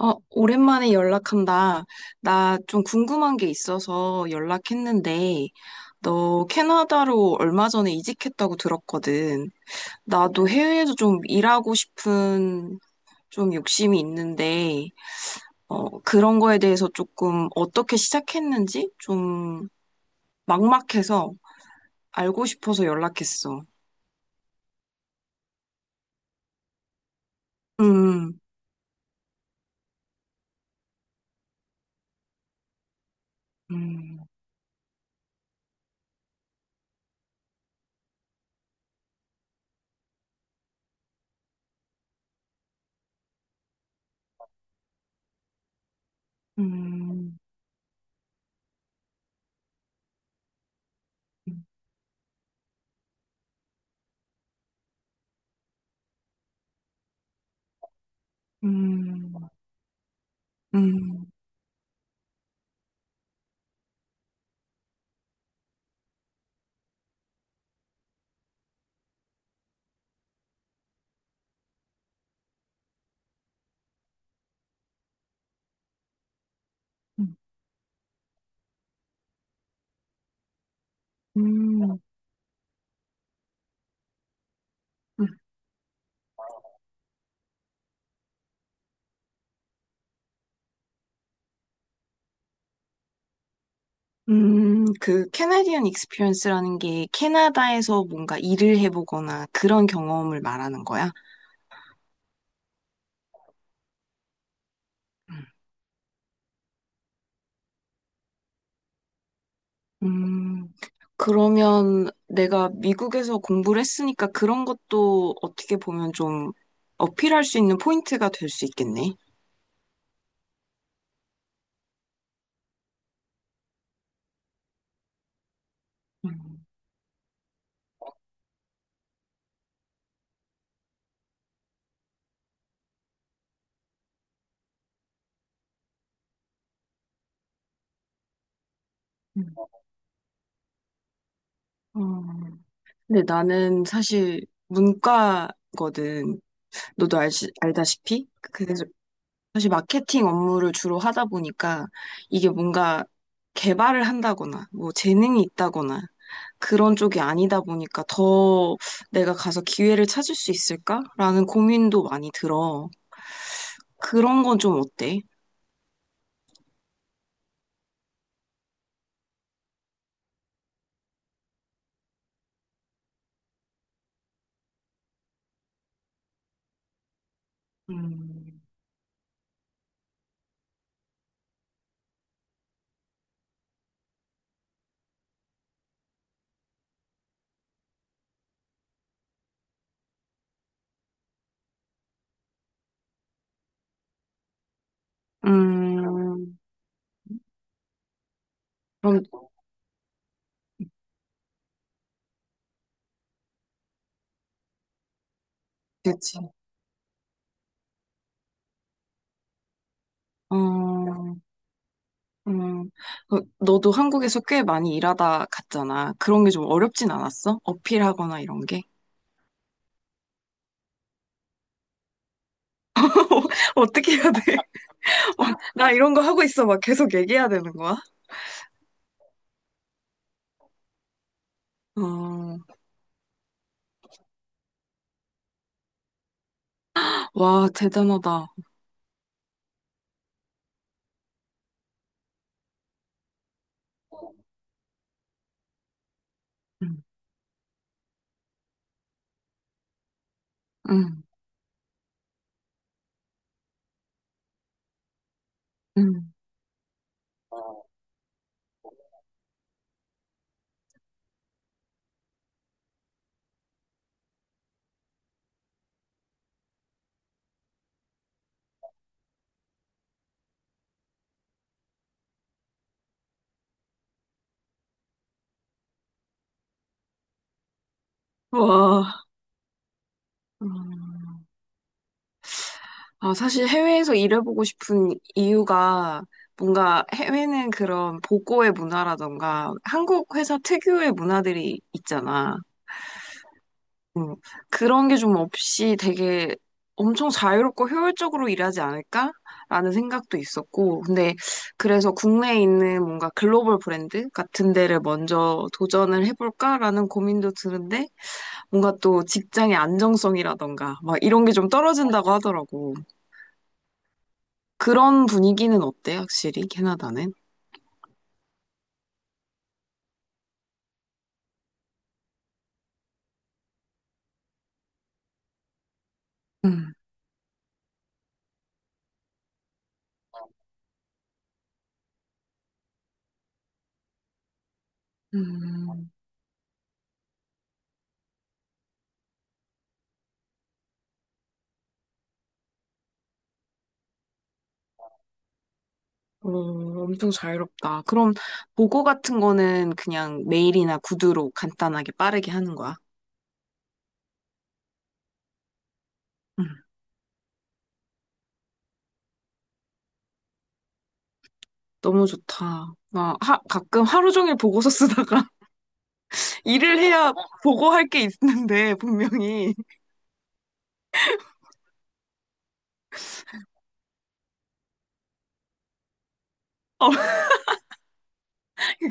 어, 오랜만에 연락한다. 나 좀 궁금한 게 있어서 연락했는데, 너 캐나다로 얼마 전에 이직했다고 들었거든. 나도 해외에서 좀 일하고 싶은 좀 욕심이 있는데, 어, 그런 거에 대해서 조금 어떻게 시작했는지 좀 막막해서 알고 싶어서 연락했어. 음, 음, 음, 음, 음, 음, 음, 음, 음. 그 캐나디언 익스피리언스라는 게 캐나다에서 뭔가 일을 해보거나 그런 경험을 말하는 거야? 음, 음, 그러면 내가 미국에서 공부를 했으니까 그런 것도 어떻게 보면 좀 어필할 수 있는 포인트가 될 수 있겠네. 음, 음. 음, 근데 나는 사실 문과거든. 너도 알지, 알다시피? 그래서 사실 마케팅 업무를 주로 하다 보니까 이게 뭔가 개발을 한다거나 뭐 재능이 있다거나 그런 쪽이 아니다 보니까 더 내가 가서 기회를 찾을 수 있을까라는 고민도 많이 들어. 그런 건 좀 어때? 음, 음, 그럼, 그치. 어, 음, 그, 너도 한국에서 꽤 많이 일하다 갔잖아. 그런 게 좀 어렵진 않았어? 어필하거나 이런 게? 어떻게 해야 돼? 아, 나 이런 거 하고 있어. 막 계속 얘기해야 되는 거야? 어, 와, 대단하다. 응, 응, 응. 와. 음. 아, 사실 해외에서 일해보고 싶은 이유가 뭔가 해외는 그런 보고의 문화라던가 한국 회사 특유의 문화들이 있잖아. 음, 그런 게 좀 없이 되게 엄청 자유롭고 효율적으로 일하지 않을까라는 생각도 있었고, 근데 그래서 국내에 있는 뭔가 글로벌 브랜드 같은 데를 먼저 도전을 해볼까라는 고민도 드는데, 뭔가 또 직장의 안정성이라던가, 막 이런 게 좀 떨어진다고 하더라고. 그런 분위기는 어때, 확실히, 캐나다는? 음, 음, 어, 엄청 자유롭다. 그럼 보고 같은 거는 그냥 메일이나 구두로 간단하게 빠르게 하는 거야? 음, 너무 좋다. 나 하, 가끔 하루 종일 보고서 쓰다가 일을 해야 보고할 게 있는데 분명히 어,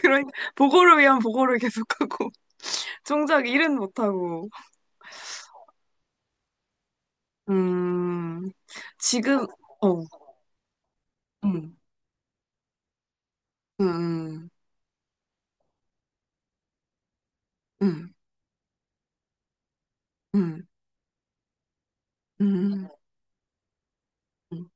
그런 보고를 위한 보고를 계속하고 정작 일은 못하고. 음. 지금. 어, 음, 음, 음, 음, 음, 음. 음.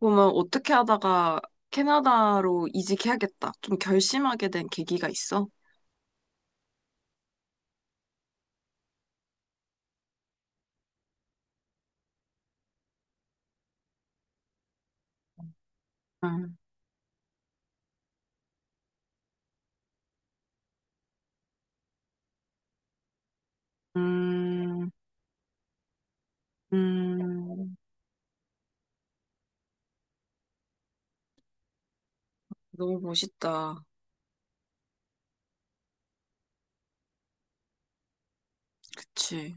그러면 어떻게 하다가 캐나다로 이직해야겠다. 좀 결심하게 된 계기가 있어? 응. 음, 음, 음, 너무 멋있다. 그치.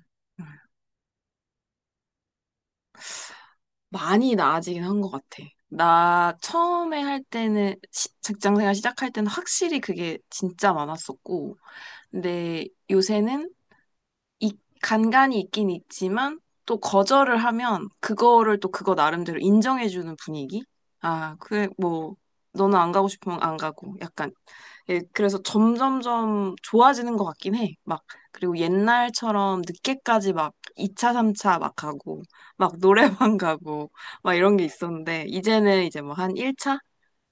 많이 나아지긴 한 것 같아. 나 처음에 할 때는, 직장 생활 시작할 때는 확실히 그게 진짜 많았었고, 근데 요새는 이, 간간이 있긴 있지만, 또 거절을 하면 그거를 또 그거 나름대로 인정해주는 분위기? 아, 그래, 뭐, 너는 안 가고 싶으면 안 가고, 약간 예, 그래서 점점점 좋아지는 것 같긴 해. 막, 그리고 옛날처럼 늦게까지 막 2차, 3차 막 가고, 막 노래방 가고, 막 이런 게 있었는데, 이제는 이제 뭐 한 1차?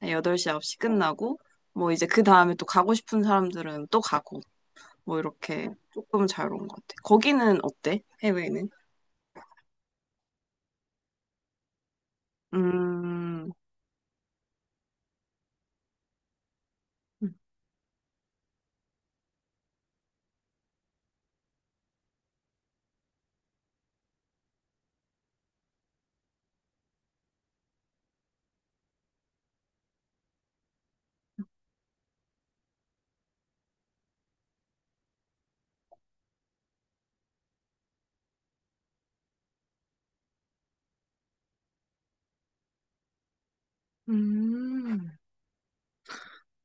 8시, 9시 끝나고, 뭐 이제 그 다음에 또 가고 싶은 사람들은 또 가고, 뭐 이렇게 조금 자유로운 것 같아. 거기는 어때? 해외는? 음, 음,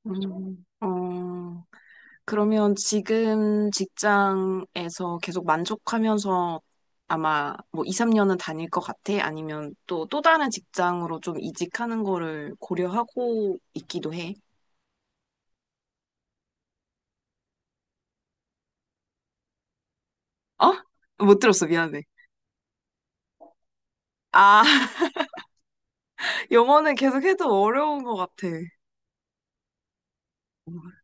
어, 그러면 지금 직장에서 계속 만족하면서 아마 뭐 2, 3년은 다닐 것 같아? 아니면 또, 또 다른 직장으로 좀 이직하는 거를 고려하고 있기도 해? 어? 못 들었어. 미안해. 아, 영어는 계속 해도 어려운 것 같아. 음.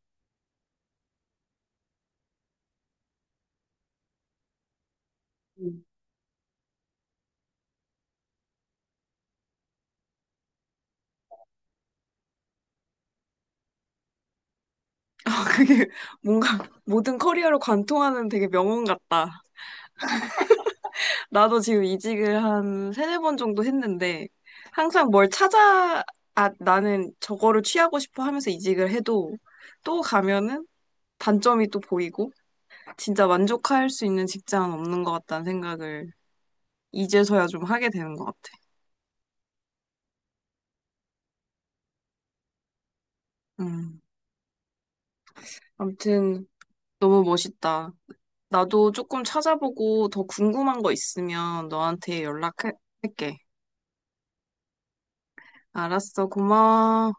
아, 그게 뭔가 모든 커리어를 관통하는 되게 명언 같다. 나도 지금 이직을 한 세네 번 정도 했는데, 항상 뭘 찾아, 아, 나는 저거를 취하고 싶어 하면서 이직을 해도, 또 가면은 단점이 또 보이고, 진짜 만족할 수 있는 직장은 없는 것 같다는 생각을 이제서야 좀 하게 되는 것 같아. 음. 아무튼, 너무 멋있다. 나도 조금 찾아보고 더 궁금한 거 있으면 너한테 연락할게. 알았어, 고마워.